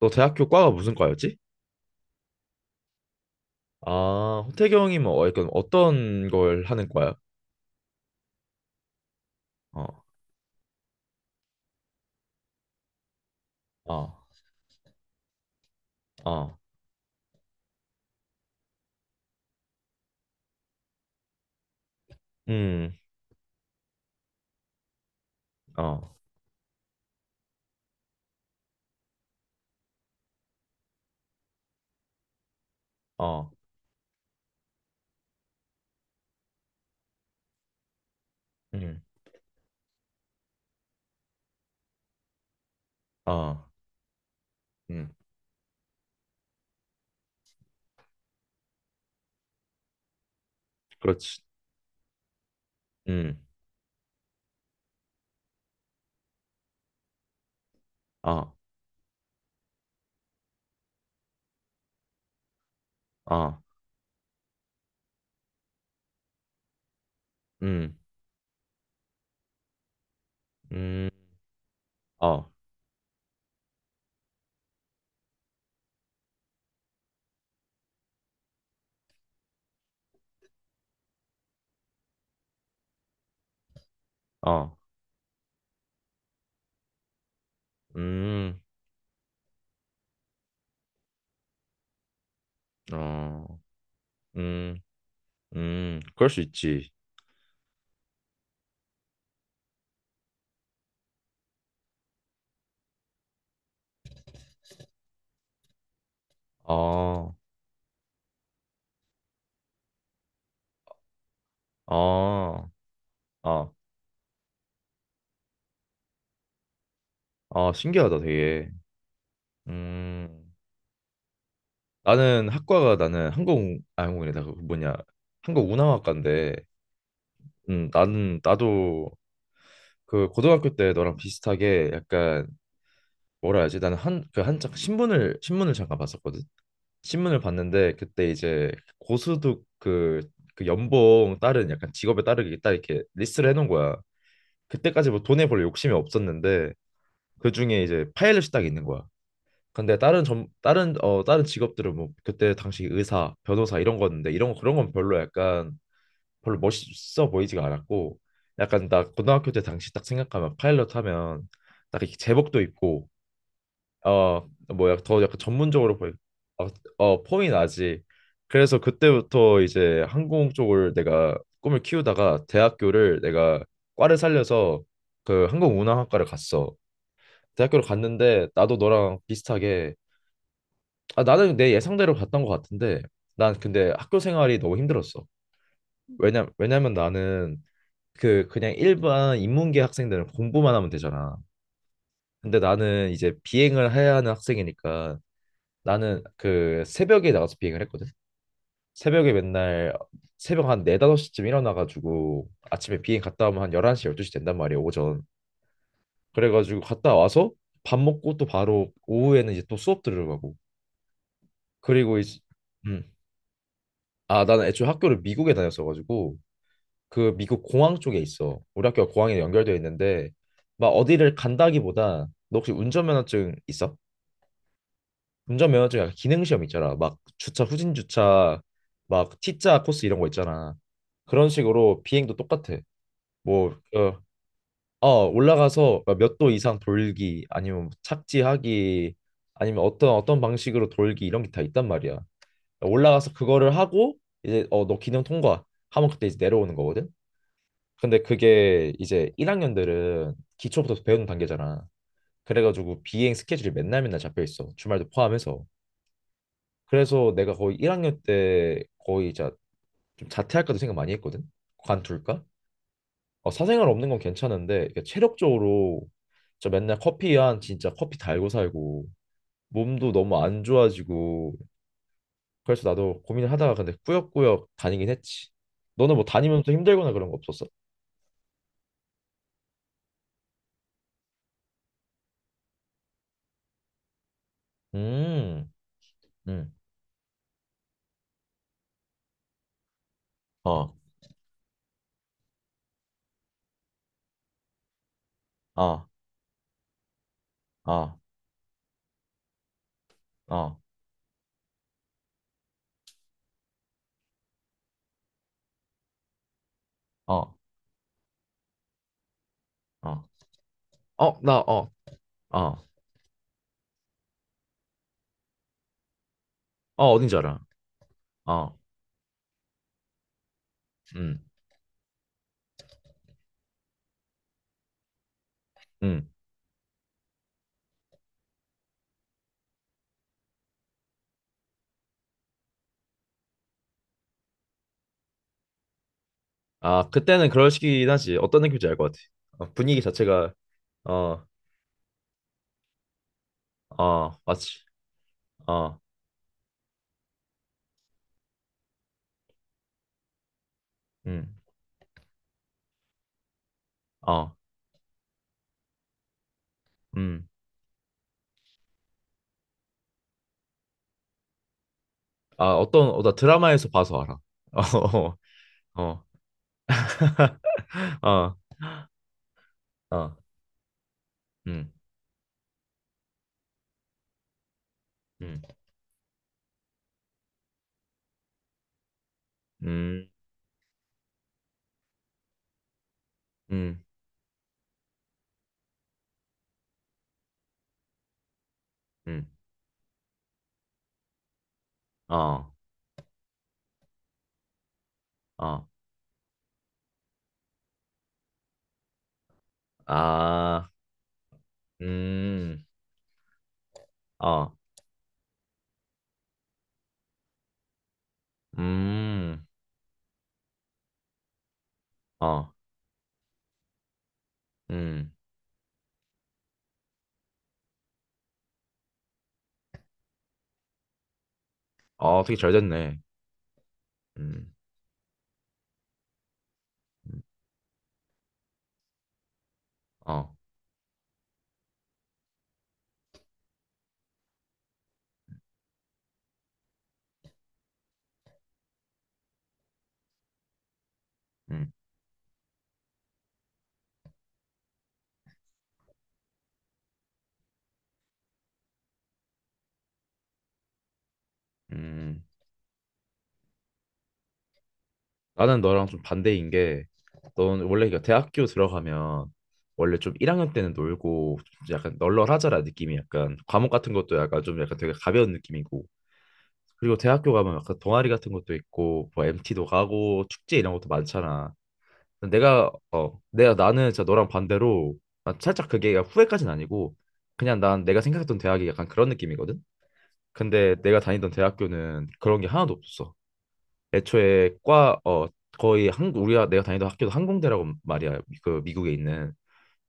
너 대학교 과가 무슨 과였지? 아, 호태경이 뭐 약간 어떤 걸 하는 과야? 어, 어, 어, 음, 어, 어, 음, 어, 음, 그렇지, 음, 어, 어, 음, 음, 어, 어, 음, 어, 음, 그럴 수 있지. 어, 어, 어, 어, 신기하다, 되게. 음, 나는 항공, 아, 항공이다. 그 뭐냐, 한국 운항학과인데. 나는 나도 그 고등학교 때 너랑 비슷하게 약간 뭐라 해야지? 나는 한 그 한창 신문을 잠깐 봤었거든. 신문을 봤는데 그때 이제 고수득 그, 그 연봉 따른 약간 직업에 따르게 딱 이렇게 리스트를 해놓은 거야. 그때까지 뭐 돈에 별로 욕심이 없었는데 그 중에 이제 파일럿이 딱 있는 거야. 근데 다른 점 다른 어 다른 직업들은 뭐 그때 당시 의사, 변호사 이런 거였는데 이런 거 그런 건 별로 약간 별로 멋있어 보이지가 않았고 약간 나 고등학교 때 당시 딱 생각하면 파일럿 하면 딱 이렇게 제복도 입고 어 뭐야 더 약간 전문적으로 보이 어, 폼이 나지 그래서 그때부터 이제 항공 쪽을 내가 꿈을 키우다가 대학교를 내가 과를 살려서 그 항공운항학과를 갔어 대학교를 갔는데 나도 너랑 비슷하게 아 나는 내 예상대로 갔던 것 같은데 난 근데 학교 생활이 너무 힘들었어 왜냐면 나는 그 그냥 일반 인문계 학생들은 공부만 하면 되잖아. 근데 나는 이제 비행을 해야 하는 학생이니까 나는 그 새벽에 나가서 비행을 했거든. 새벽에 맨날 새벽 한 4, 5시쯤 일어나가지고 아침에 비행 갔다 오면 한 11시, 12시 된단 말이야, 오전. 그래가지고 갔다 와서 밥 먹고 또 바로 오후에는 이제 또 수업 들으러 가고. 그리고 이제, 음. 아, 나는 애초에 학교를 미국에 다녔어가지고 그 미국 공항 쪽에 있어. 우리 학교 가 공항에 연결되어 있는데 막 어디를 간다기보다 너 혹시 운전면허증 있어? 운전면허증 약간 기능 시험 있잖아. 막 주차 후진 주차 막 T자 코스 이런 거 있잖아. 그런 식으로 비행도 똑같아. 뭐 올라가서 몇 도 이상 돌기 아니면 뭐 착지하기 아니면 어떤 방식으로 돌기 이런 게 다 있단 말이야. 올라가서 그거를 하고 이제 너 기능 통과 하면 그때 이제 내려오는 거거든. 근데 그게 이제 1학년들은 기초부터 배우는 단계잖아. 그래가지고 비행 스케줄이 맨날 맨날 잡혀 있어. 주말도 포함해서. 그래서 내가 거의 1학년 때 좀 자퇴할까도 생각 많이 했거든. 관둘까? 어, 사생활 없는 건 괜찮은데 이게 체력적으로 진짜 맨날 커피 한 진짜 커피 달고 살고 몸도 너무 안 좋아지고 그래서 나도 고민을 하다가 근데 꾸역꾸역 다니긴 했지. 너는 뭐 다니면서 힘들거나 그런 거 없었어? 음, 음, 어, 어, 어, 어. 어, 어, 어, 나, 어, 어, 어, 어딘 지 알아. 어, 음, 음. 아, 그때는 그럴 시기긴 하지. 어떤 느낌인지 알 것 같아. 어, 분위기 자체가, 어, 어, 맞지. 어, 음, 어, 음. 아, 나 드라마에서 봐서 알아. 어, 어, 어, 어, 음, 음, 음, 음, 음, 어, 어, 아, 음, 어, 음, 어, 음. 어, 되게 잘 됐네. 음, 음, 어. 음, 음. 나는 너랑 좀 반대인 게, 넌 원래 이거 대학교 들어가면 원래 좀 1학년 때는 놀고 좀 약간 널널하잖아 느낌이 약간 과목 같은 것도 약간 좀 약간 되게 가벼운 느낌이고 그리고 대학교 가면 약간 동아리 같은 것도 있고 뭐 MT도 가고 축제 이런 것도 많잖아. 근데 내가 어 내가 나는 진짜 너랑 반대로 난 살짝 그게 후회까지는 아니고 그냥 난 내가 생각했던 대학이 약간 그런 느낌이거든. 근데 내가 다니던 대학교는 그런 게 하나도 없었어. 애초에 과 어 거의 한국 우리가 내가 다니던 학교도 항공대라고 말이야 그 미국에 있는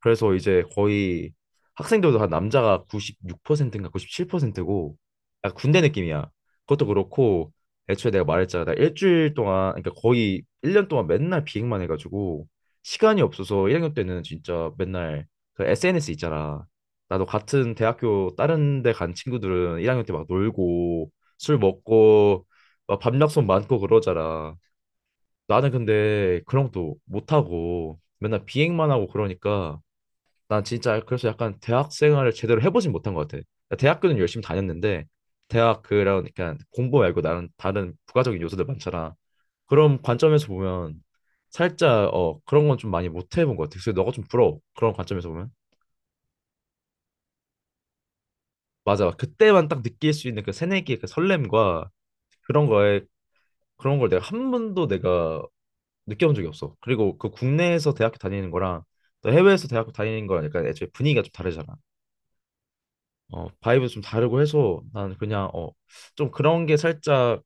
그래서 이제 거의 학생들도 한 남자가 96%인가 97%고 약간 군대 느낌이야. 그것도 그렇고 애초에 내가 말했잖아. 나 일주일 동안 그러니까 거의 1년 동안 맨날 비행만 해가지고 시간이 없어서 1학년 때는 진짜 맨날 그 SNS 있잖아. 나도 같은 대학교 다른 데 간 친구들은 1학년 때 막 놀고 술 먹고 막 밤약속 많고 그러잖아. 나는 근데 그런 것도 못하고 맨날 비행만 하고 그러니까 난 진짜 그래서 약간 대학 생활을 제대로 해보진 못한 것 같아. 그러니까 대학교는 열심히 다녔는데 대학 그런 그까 공부 말고 나는 다른 부가적인 요소들 많잖아. 그런 관점에서 보면 살짝 그런 건 좀 많이 못 해본 것 같아. 그래서 너가 좀 부러워. 그런 관점에서 보면. 맞아. 그때만 딱 느낄 수 있는 그 새내기의 그 설렘과 그런 거에 그런 걸 내가 한 번도 내가 느껴본 적이 없어. 그리고 그 국내에서 대학교 다니는 거랑 또 해외에서 대학교 다니는 거랑 약간 애초에 분위기가 좀 다르잖아. 어, 바이브도 좀 다르고 해서 난 그냥 좀 그런 게 살짝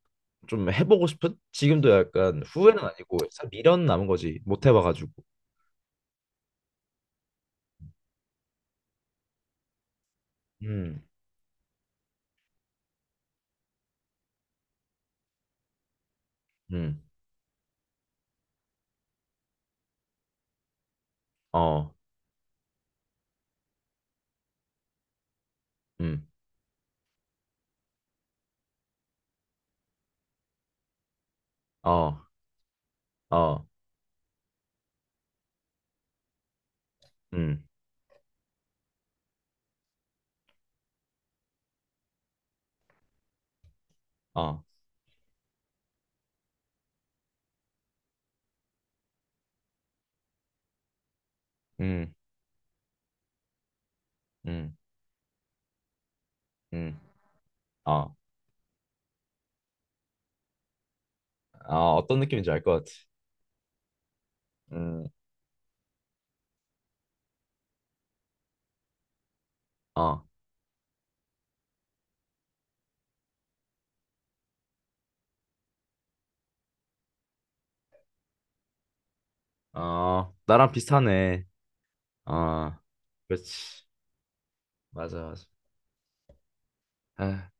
좀 해보고 싶은? 지금도 약간 후회는 아니고 살짝 미련 남은 거지 못 해봐가지고 음, 음, 어, 음, 어, 어, 음, 어, 음, 음, 음, 어, 아 어떤 느낌인지 알 것 같아 음, 어, 어, 나랑 비슷하네 어, 그렇지 맞아 맞아 아,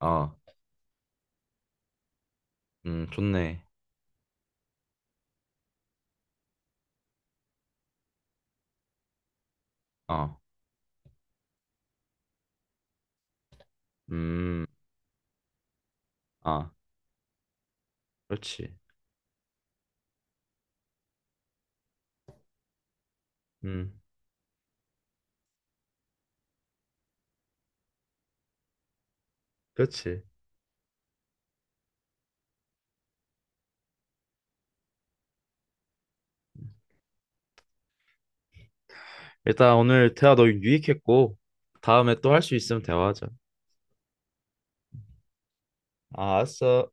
어, 좋네 어, 음, 아, 그렇지 음, 그렇지 일단 오늘 대화 너무 유익했고 다음에 또 할 수 있으면 대화하자. 아, 알았어.